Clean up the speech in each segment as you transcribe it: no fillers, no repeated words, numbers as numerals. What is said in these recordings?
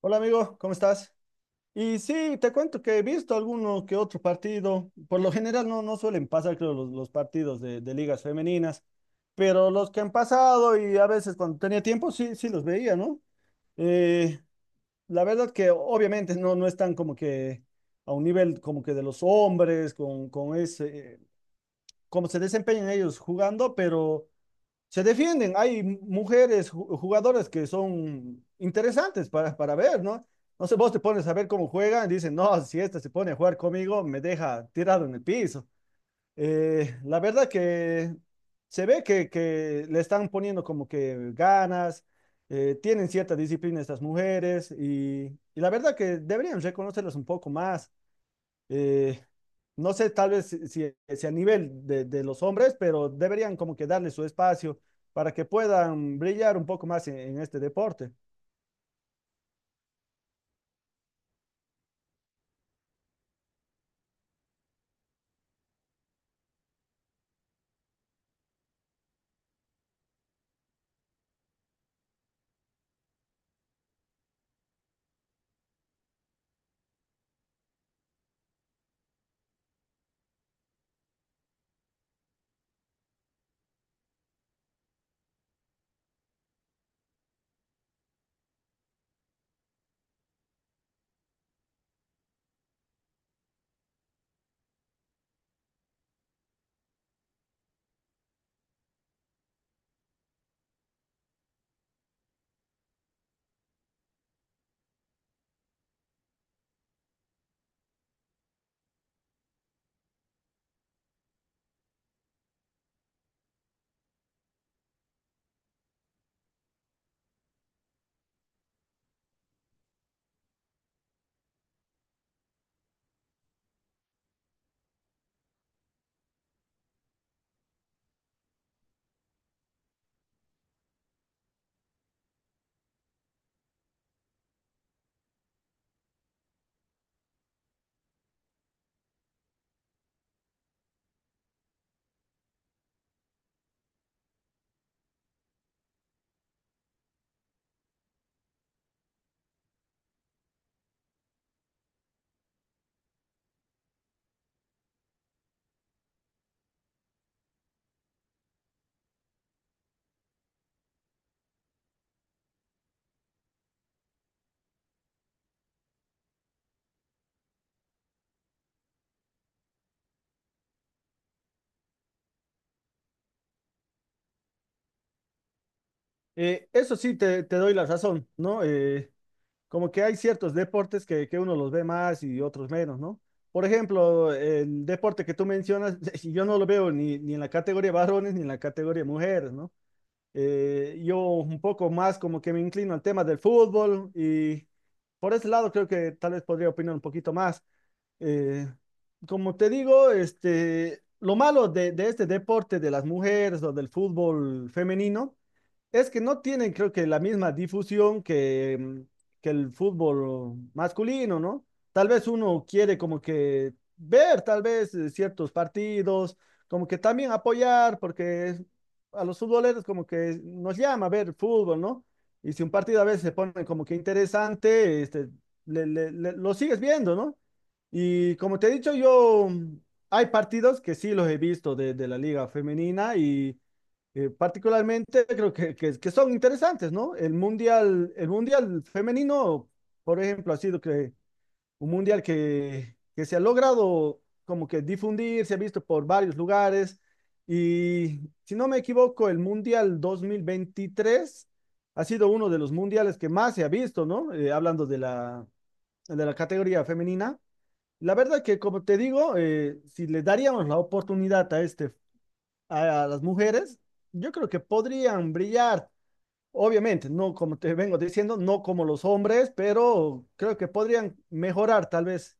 Hola amigo, ¿cómo estás? Y sí, te cuento que he visto alguno que otro partido. Por lo general no suelen pasar, creo, los partidos de ligas femeninas, pero los que han pasado y a veces cuando tenía tiempo sí los veía, ¿no? Eh, la verdad que obviamente no están como que a un nivel como que de los hombres, con ese, cómo se desempeñan ellos jugando, pero se defienden. Hay mujeres, jugadoras que son interesantes para ver, ¿no? No sé, vos te pones a ver cómo juegan y dicen, no, si esta se pone a jugar conmigo, me deja tirado en el piso. La verdad que se ve que le están poniendo como que ganas, tienen cierta disciplina estas mujeres y la verdad que deberían reconocerlas un poco más. eh, no sé, tal vez si, si a nivel de los hombres, pero deberían como que darle su espacio para que puedan brillar un poco más en este deporte. Eso sí, te doy la razón, ¿no? Como que hay ciertos deportes que uno los ve más y otros menos, ¿no? Por ejemplo, el deporte que tú mencionas, yo no lo veo ni, ni en la categoría varones ni en la categoría mujeres, ¿no? Yo un poco más como que me inclino al tema del fútbol y por ese lado creo que tal vez podría opinar un poquito más. Eh, como te digo, este, lo malo de este deporte de las mujeres o del fútbol femenino es que no tienen, creo que, la misma difusión que, que el fútbol masculino, ¿no? Tal vez uno quiere como que ver, tal vez, ciertos partidos, como que también apoyar, porque a los futboleros como que nos llama a ver fútbol, ¿no? Y si un partido a veces se pone como que interesante, este, lo sigues viendo, ¿no? Y como te he dicho, yo, hay partidos que sí los he visto de la liga femenina y particularmente creo que, que son interesantes, ¿no? El mundial femenino, por ejemplo, ha sido que un mundial que se ha logrado como que difundir, se ha visto por varios lugares y si no me equivoco, el mundial 2023 ha sido uno de los mundiales que más se ha visto, ¿no? Hablando de la categoría femenina. La verdad que, como te digo, si le daríamos la oportunidad a este a las mujeres, yo creo que podrían brillar. Obviamente, no como te vengo diciendo, no como los hombres, pero creo que podrían mejorar tal vez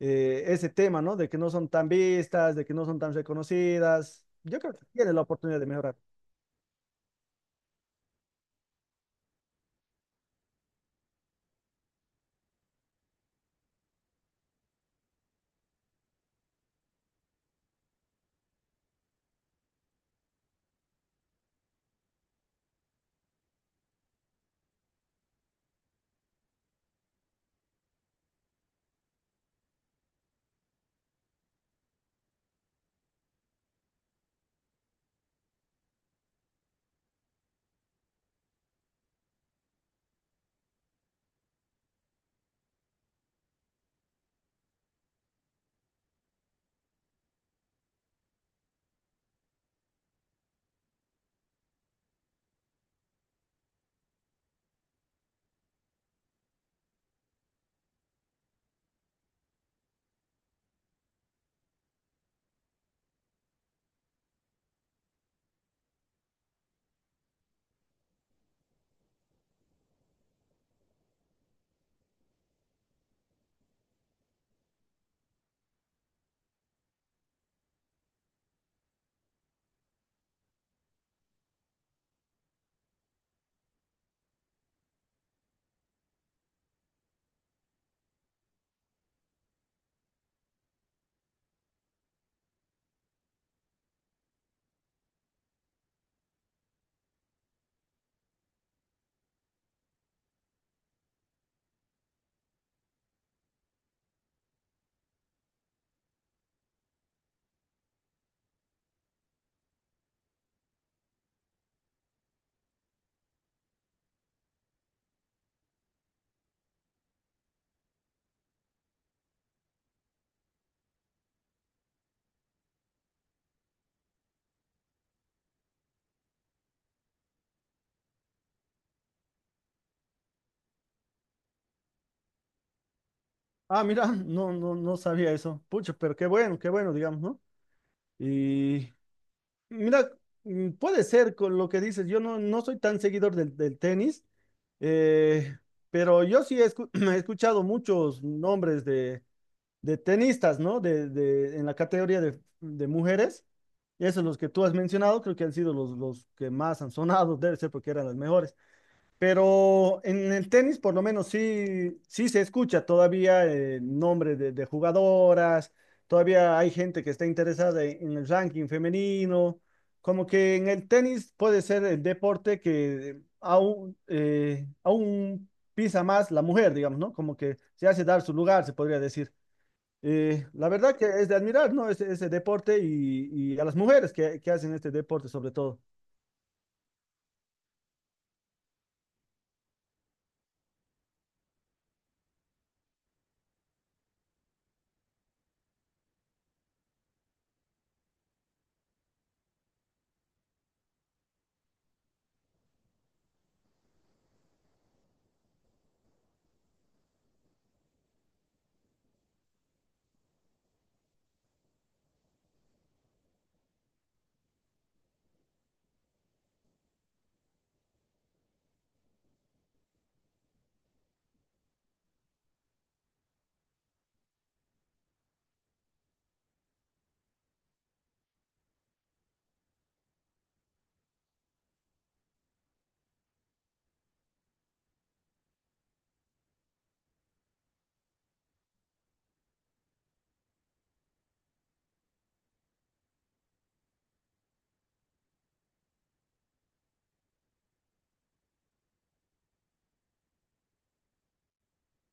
ese tema, ¿no? De que no son tan vistas, de que no son tan reconocidas. Yo creo que tienen la oportunidad de mejorar. Ah, mira, no sabía eso. Pucho, pero qué bueno, digamos, ¿no? Y mira, puede ser con lo que dices. Yo no soy tan seguidor del, del tenis, eh, pero yo sí he, he escuchado muchos nombres de tenistas, ¿no? De, en la categoría de mujeres. Y esos los que tú has mencionado, creo que han sido los que más han sonado, debe ser porque eran las mejores. Pero en el tenis, por lo menos, sí se escucha todavía el nombre de jugadoras, todavía hay gente que está interesada en el ranking femenino. Como que en el tenis puede ser el deporte que aún, aún pisa más la mujer, digamos, ¿no? Como que se hace dar su lugar, se podría decir. La verdad que es de admirar, ¿no? Ese deporte y a las mujeres que hacen este deporte sobre todo.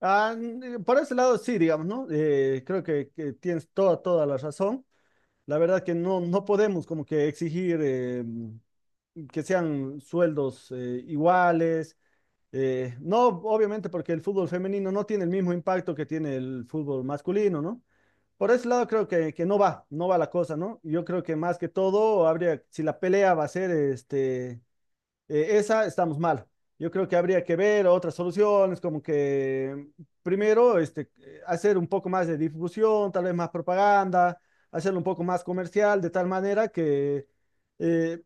Ah, por ese lado sí, digamos, ¿no? Creo que tienes toda, toda la razón. La verdad que no podemos como que exigir que sean sueldos iguales. No, Obviamente porque el fútbol femenino no tiene el mismo impacto que tiene el fútbol masculino, ¿no? Por ese lado creo que no va la cosa, ¿no? Yo creo que más que todo habría, si la pelea va a ser este esa estamos mal. Yo creo que habría que ver otras soluciones, como que primero este, hacer un poco más de difusión, tal vez más propaganda, hacerlo un poco más comercial, de tal manera que eh,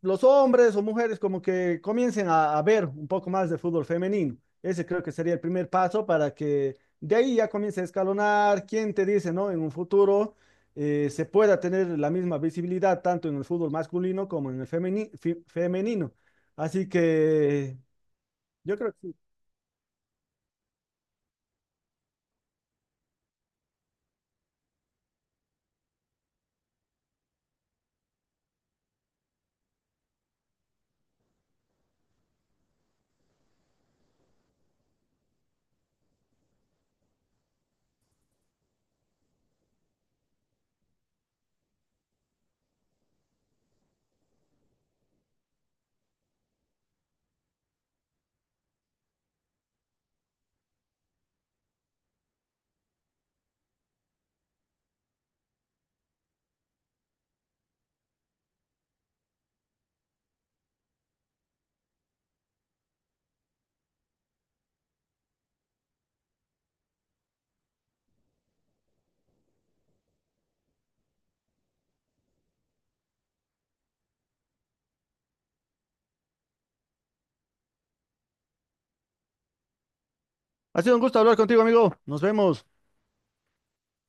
los hombres o mujeres como que comiencen a ver un poco más de fútbol femenino. Ese creo que sería el primer paso para que de ahí ya comience a escalonar. ¿Quién te dice, no? En un futuro se pueda tener la misma visibilidad tanto en el fútbol masculino como en el femenino. Así que yo creo que sí. Ha sido un gusto hablar contigo, amigo. Nos vemos.